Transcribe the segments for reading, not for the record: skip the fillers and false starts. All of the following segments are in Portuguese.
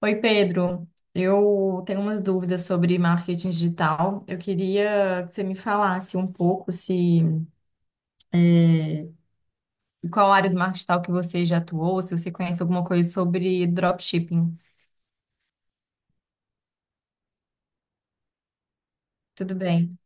Oi, Pedro. Eu tenho umas dúvidas sobre marketing digital. Eu queria que você me falasse um pouco se é, qual área do marketing digital que você já atuou, se você conhece alguma coisa sobre dropshipping. Tudo bem.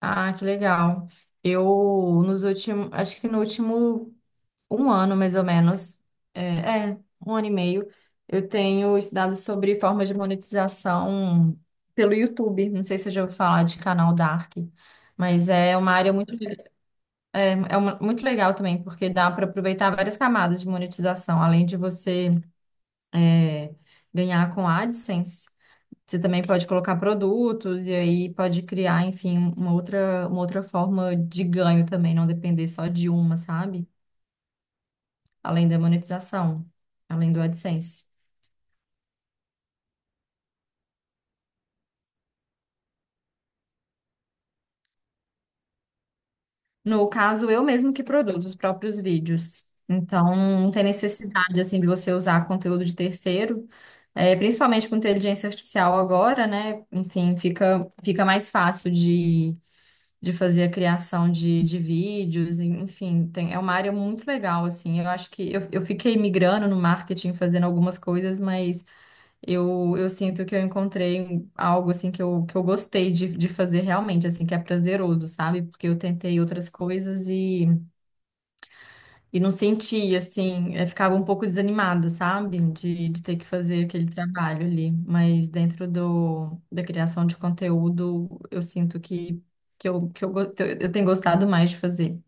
Ah, que legal. Eu nos últimos, acho que no último um ano mais ou menos, é, é, um ano e meio, eu tenho estudado sobre formas de monetização pelo YouTube. Não sei se você já ouviu falar de canal Dark. Mas é uma muito legal também, porque dá para aproveitar várias camadas de monetização. Além de você é, ganhar com a AdSense, você também pode colocar produtos e aí pode criar, enfim, uma outra forma de ganho também, não depender só de uma, sabe? Além da monetização, além do AdSense. No caso, eu mesmo que produzo os próprios vídeos. Então, não tem necessidade, assim, de você usar conteúdo de terceiro. É, principalmente com inteligência artificial agora, né? Enfim, fica mais fácil de fazer a criação de vídeos, enfim, é uma área muito legal, assim. Eu acho que eu fiquei migrando no marketing, fazendo algumas coisas, mas eu sinto que eu encontrei algo assim que que eu gostei de fazer realmente, assim, que é prazeroso, sabe? Porque eu tentei outras coisas e não sentia, assim, ficava um pouco desanimada, sabe? De ter que fazer aquele trabalho ali. Mas dentro do, da criação de conteúdo, eu sinto que eu tenho gostado mais de fazer.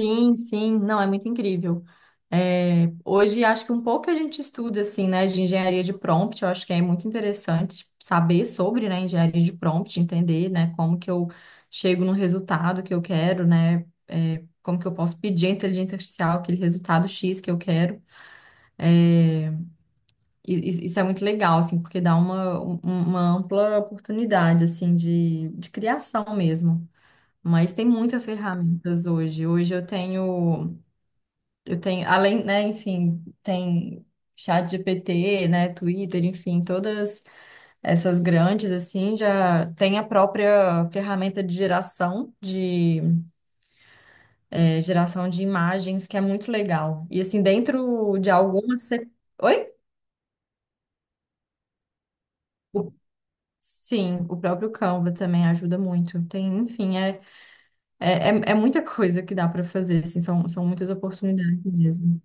Sim, sim, não, é muito incrível. É, hoje acho que um pouco a gente estuda assim, né, de engenharia de prompt. Eu acho que é muito interessante saber sobre, né, engenharia de prompt, entender, né, como que eu chego no resultado que eu quero, né, é, como que eu posso pedir à inteligência artificial aquele resultado X que eu quero. E- Isso é muito legal, assim, porque dá uma ampla oportunidade, assim, de criação mesmo. Mas tem muitas ferramentas hoje. Hoje eu tenho. Eu tenho, além, né, enfim, tem chat GPT, né, Twitter, enfim, todas essas grandes, assim, já tem a própria ferramenta de geração, de geração de imagens, que é muito legal. E, assim, dentro de algumas... você- Oi? O- Sim, o próprio Canva também ajuda muito. Tem, enfim, é muita coisa que dá para fazer, assim, são muitas oportunidades mesmo.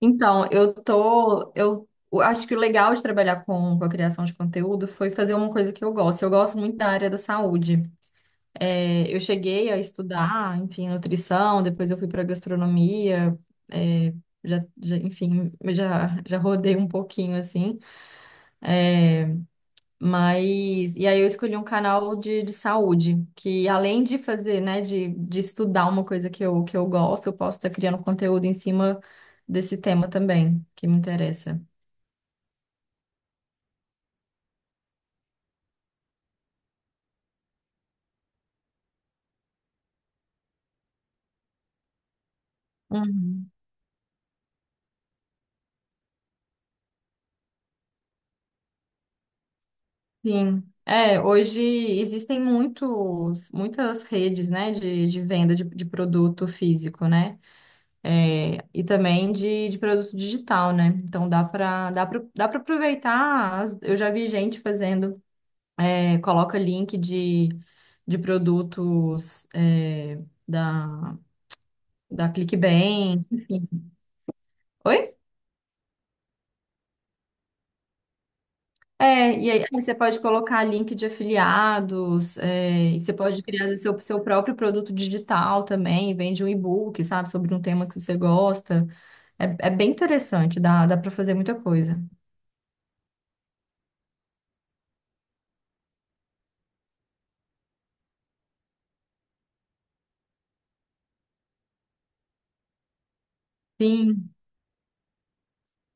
Então, eu tô, eu acho que o legal de trabalhar com a criação de conteúdo foi fazer uma coisa que eu gosto. Eu gosto muito da área da saúde. É, eu cheguei a estudar, enfim, nutrição, depois eu fui para gastronomia, é, enfim, já rodei um pouquinho assim. Mas, e aí eu escolhi um canal de saúde, que além de fazer, né, de estudar uma coisa que que eu gosto, eu posso estar criando conteúdo em cima desse tema também, que me interessa. Uhum. Sim. É, hoje existem muitos, muitas redes, né, de venda de produto físico, né? É, e também de produto digital, né? Então dá para aproveitar. Eu já vi gente fazendo, é, coloca link de produtos é, da, da Clickbank, enfim. Oi? É, e aí você pode colocar link de afiliados, é, e você pode criar seu próprio produto digital também, vende um e-book, sabe, sobre um tema que você gosta. É, é bem interessante, dá, dá para fazer muita coisa. Sim,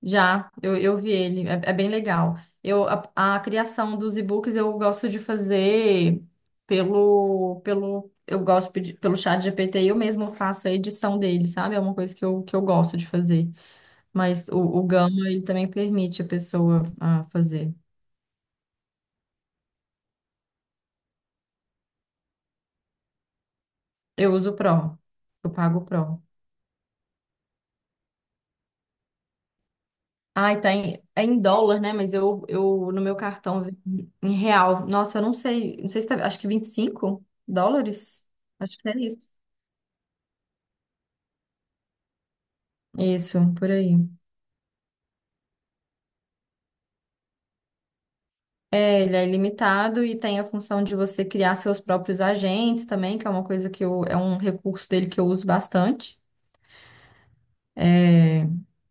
já, eu vi ele, é, é bem legal. Eu, a criação dos e-books eu gosto de fazer pelo, pelo, eu gosto de pedir- pelo chat GPT, eu mesmo faço a edição dele, sabe? É uma coisa que que eu gosto de fazer. Mas o Gama, ele também permite a pessoa a fazer. Eu uso o Pro. Eu pago o Pro. Ai, tá em, é em dólar, né? Mas eu no meu cartão em real. Nossa, eu não sei. Não sei se tá, acho que US$ 25. Acho que é isso. Isso, por aí. É, ele é ilimitado e tem a função de você criar seus próprios agentes também, que é uma coisa que eu, é um recurso dele que eu uso bastante.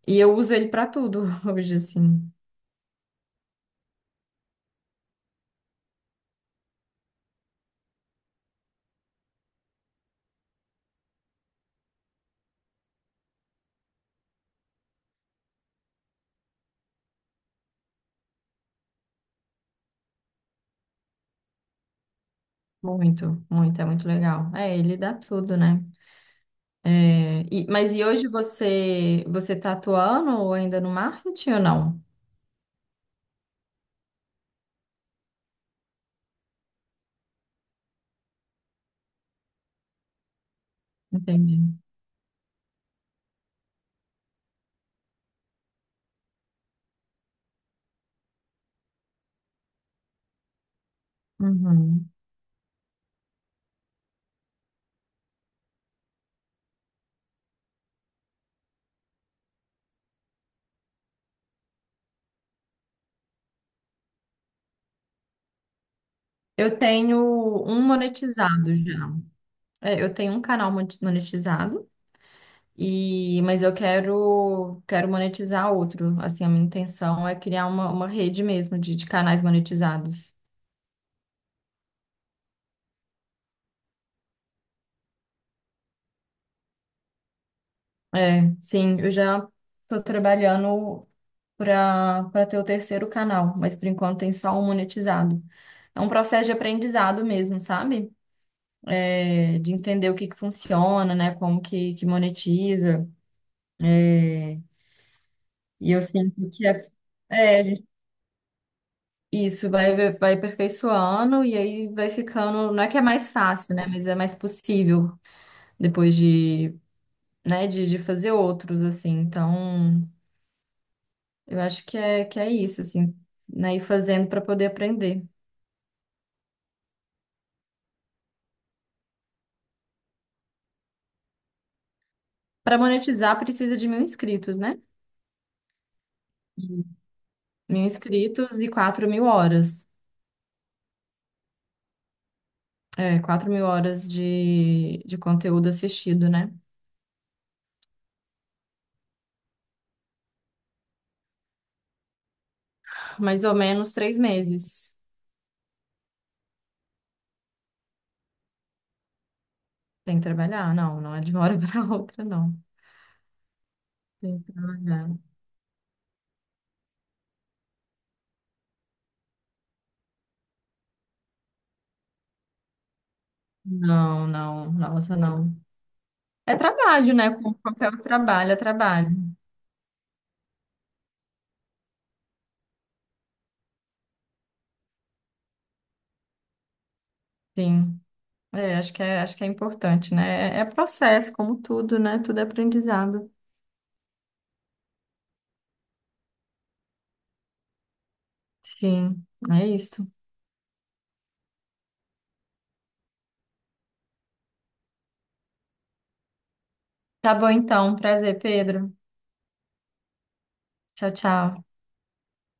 E eu uso ele pra tudo hoje, assim. Muito, muito, é muito legal. É, ele dá tudo, né? É, mas e hoje você está atuando ou ainda no marketing ou não? Entendi. Uhum. Eu tenho um monetizado já. É, eu tenho um canal monetizado e mas eu quero monetizar outro. Assim, a minha intenção é criar uma rede mesmo de canais monetizados. É, sim, eu já estou trabalhando para ter o terceiro canal, mas por enquanto tem só um monetizado. É um processo de aprendizado mesmo, sabe? É, de entender o que que funciona, né? Como que monetiza. E eu sinto que é, a gente- isso vai aperfeiçoando e aí vai ficando. Não é que é mais fácil, né? Mas é mais possível depois de, né? De fazer outros, assim. Então, eu acho que é isso, assim, né? Ir fazendo para poder aprender. Para monetizar, precisa de 1.000 inscritos, né? 1.000 inscritos e 4.000 horas. É, 4.000 horas de conteúdo assistido, né? Mais ou menos 3 meses. Tem que trabalhar. Não, não é de uma hora para outra, não. Tem que trabalhar. Não, não, nossa, não. É trabalho, né? Como qualquer trabalho, é trabalho. Sim. É, acho acho que é importante, né? É processo, como tudo, né? Tudo é aprendizado. Sim, é isso. Tá bom, então. Prazer, Pedro. Tchau, tchau.